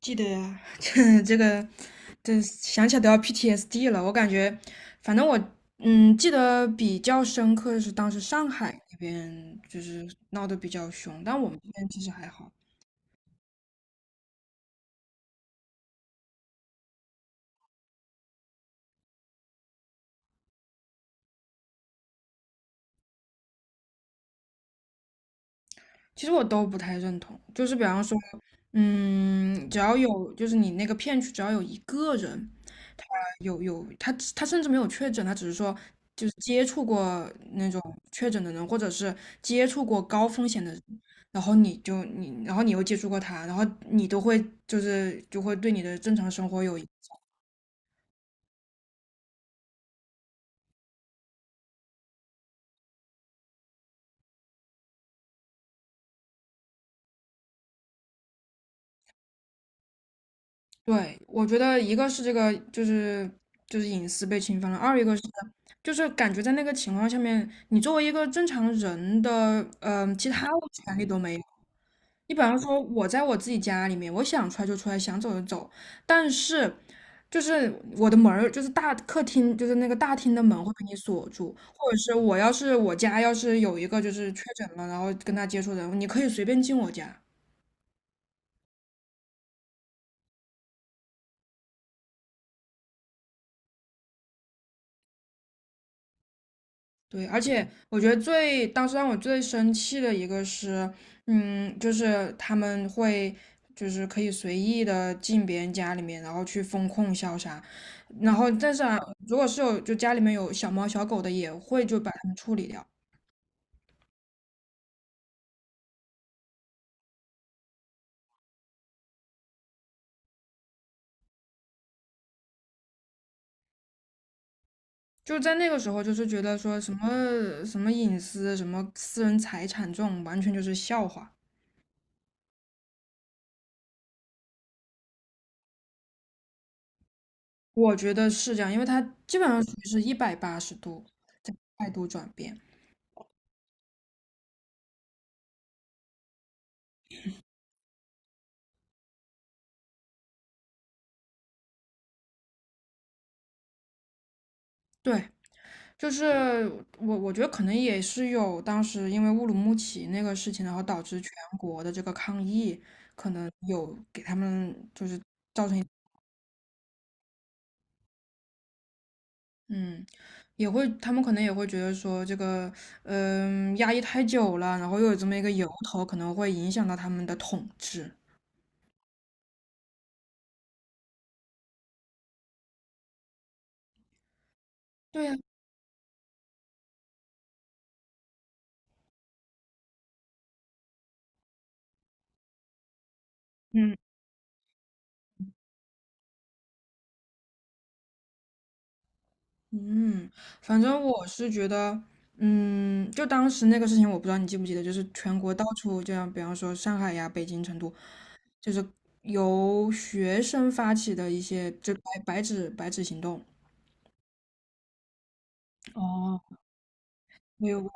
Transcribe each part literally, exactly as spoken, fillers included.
记得呀，这这个，这想起来都要 P T S D 了。我感觉，反正我嗯记得比较深刻的是当时上海那边就是闹得比较凶，但我们这边其实还好。其实我都不太认同，就是比方说，嗯，只要有就是你那个片区只要有一个人有有，他他甚至没有确诊，他只是说就是接触过那种确诊的人，或者是接触过高风险的人，然后你就你，然后你又接触过他，然后你都会就是就会对你的正常生活有影。对，我觉得一个是这个就是就是隐私被侵犯了，二一个是就是感觉在那个情况下面，你作为一个正常人的嗯、呃其他的权利都没有。你比方说，我在我自己家里面，我想出来就出来，想走就走。但是就是我的门儿，就是大客厅，就是那个大厅的门会被你锁住，或者是我要是我家要是有一个就是确诊了，然后跟他接触的人，你可以随便进我家。对，而且我觉得最当时让我最生气的一个是，嗯，就是他们会就是可以随意的进别人家里面，然后去封控消杀，然后但是啊，如果是有就家里面有小猫小狗的，也会就把它们处理掉。就在那个时候，就是觉得说什么什么隐私、什么私人财产这种，完全就是笑话。我觉得是这样，因为他基本上属于是一百八十度态度转变。对，就是我我觉得可能也是有当时因为乌鲁木齐那个事情，然后导致全国的这个抗议，可能有给他们就是。嗯，也会他们可能也会觉得说这个嗯压抑太久了，然后又有这么一个由头，可能会影响到他们的统治。对呀。嗯嗯，反正我是觉得，嗯，就当时那个事情，我不知道你记不记得，就是全国到处，这样，比方说上海呀、北京、成都，就是由学生发起的一些，就白白纸白纸行动。哦，没有过。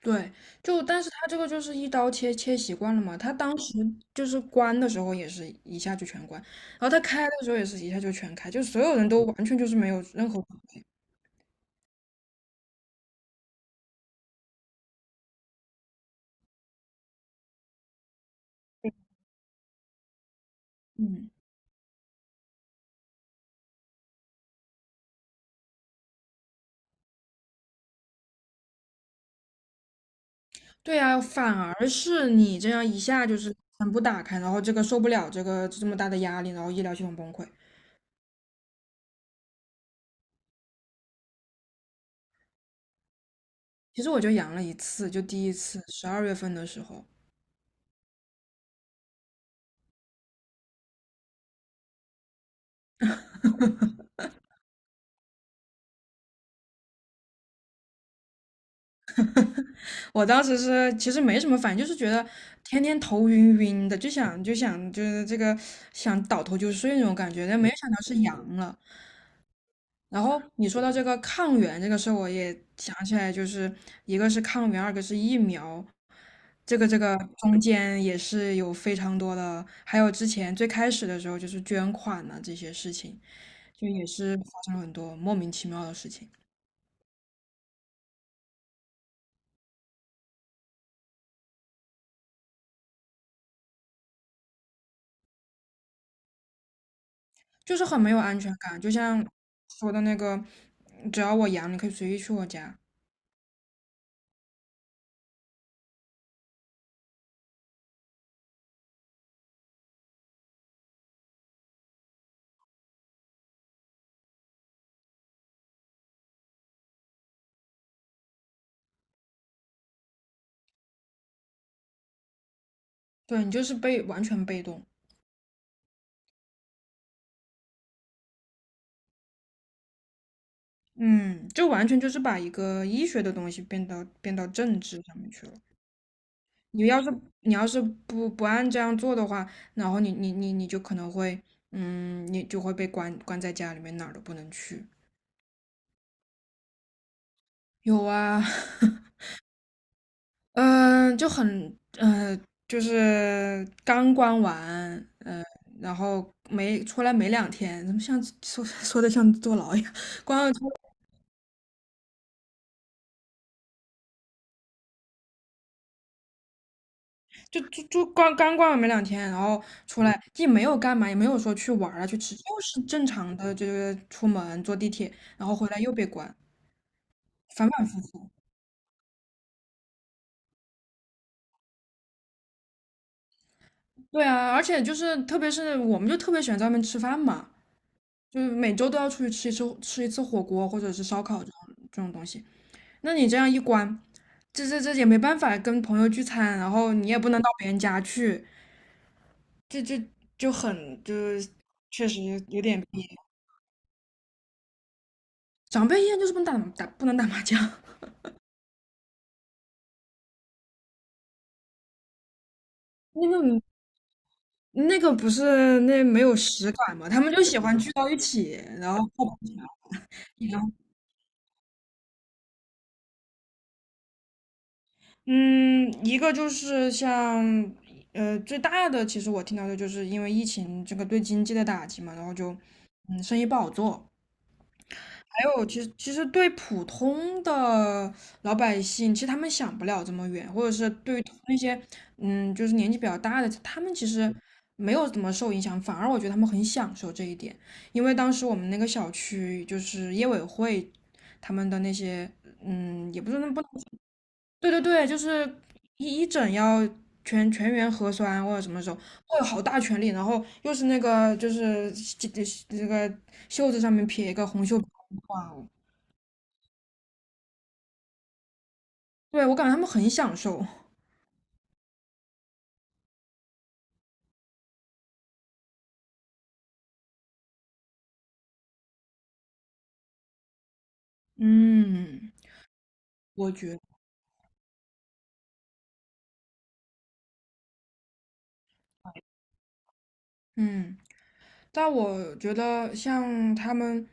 对，就但是他这个就是一刀切切习惯了嘛，他当时就是关的时候也是一下就全关，然后他开的时候也是一下就全开，就所有人都完全就是没有任何。嗯。对呀，反而是你这样一下就是全部打开，然后这个受不了这个这么大的压力，然后医疗系统崩溃。其实我就阳了一次，就第一次十二月份的时候，我当时是其实没什么反应，就是觉得天天头晕晕的，就想就想就是这个想倒头就睡那种感觉，但没想到是阳了。然后你说到这个抗原这个事儿我也想起来，就是一个是抗原，二个是疫苗，这个这个中间也是有非常多的，还有之前最开始的时候就是捐款呐、这些事情，就也是发生了很多莫名其妙的事情，就是很没有安全感。就像说的那个，只要我阳，你可以随意去我家，对你就是被完全被动，嗯，就完全就是把一个医学的东西变到变到政治上面去了。你要是你要是不不按这样做的话，然后你你你你就可能会，嗯，你就会被关关在家里面，哪儿都不能去。有啊，嗯、就很，嗯，就是刚关完，嗯，然后没出来没两天，怎么像说说的像坐牢一样？关了之后就就就关刚关完没两天，然后出来既没有干嘛，也没有说去玩儿啊去吃，就是正常的就是出门坐地铁，然后回来又被关。反反复复。对啊，而且就是特别是我们就特别喜欢在外面吃饭嘛，就是每周都要出去吃一次吃一次火锅或者是烧烤这种这种东西。那你这样一关，这这这也没办法跟朋友聚餐，然后你也不能到别人家去，这这就很就是确实有点憋。长辈宴就是不能打打不能打麻将，那个那个不是那没有实感嘛，他们就喜欢聚到一起，然后泡。嗯，一个就是像，呃，最大的其实我听到的就是因为疫情这个对经济的打击嘛，然后就，嗯，生意不好做。还有，其实其实对普通的老百姓，其实他们想不了这么远，或者是对于那些，嗯，就是年纪比较大的，他们其实没有怎么受影响，反而我觉得他们很享受这一点。因为当时我们那个小区就是业委会他们的那些，嗯，也不是那不能。对对对，就是一一整要全全员核酸或者什么时候，会有好大权力，然后又是那个就是这这这个袖子上面撇一个红袖标，哇哦。对，我感觉他们很享受，嗯，我觉得，嗯。但我觉得像他们，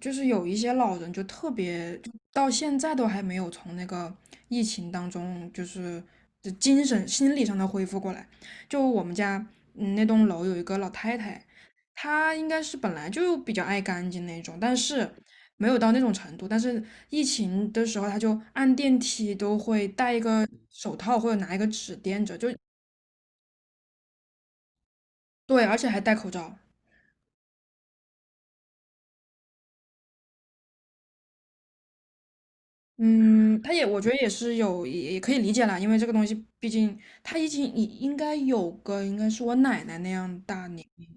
就是有一些老人就特别，就到现在都还没有从那个疫情当中，就是就精神心理上的恢复过来。就我们家嗯那栋楼有一个老太太，她应该是本来就比较爱干净那种，但是没有到那种程度。但是疫情的时候，她就按电梯都会带一个，就对，而且还戴口罩。嗯，他也，我觉得也是有，也也可以理解啦，因为这个东西，毕竟他已经应应该有个，应该是我奶奶那样大年龄，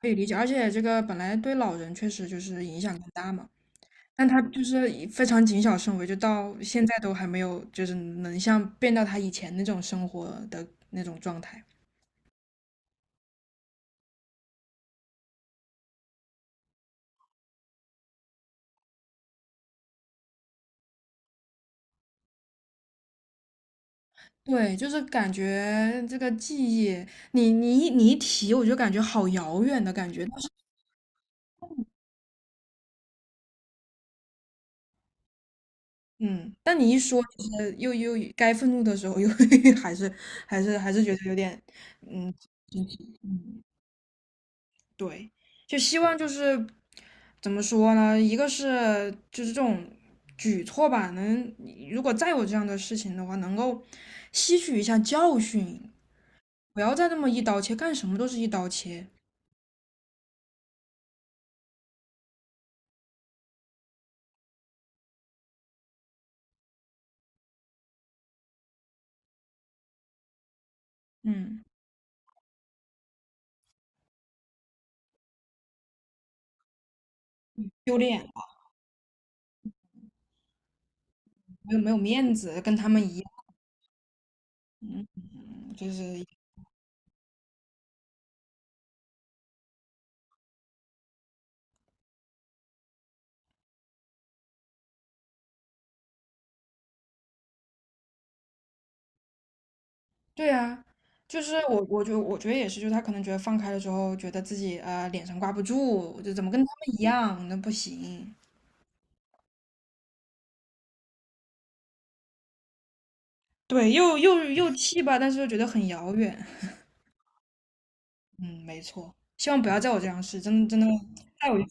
可以理解。而且这个本来对老人确实就是影响更大嘛，但他就是以非常谨小慎微，就到现在都还没有，就是能像变到他以前那种生活的那种状态。对，就是感觉这个记忆，你你一你一提，我就感觉好遥远的感觉。嗯，但你一说，就是又又该愤怒的时候，又 还是还是还是觉得有点，嗯，对，就希望就是怎么说呢？一个是就是这种举措吧，能如果再有这样的事情的话，能够吸取一下教训，不要再那么一刀切，干什么都是一刀切，嗯，丢脸了，没有没有面子，跟他们一样，嗯，就是。对啊，就是我，我觉得，我觉得也是，就是他可能觉得放开了之后，觉得自己呃脸上挂不住，就怎么跟他们一样，那不行。对，又又又气吧，但是又觉得很遥远。嗯，没错，希望不要在我这样试，真的真的，太有对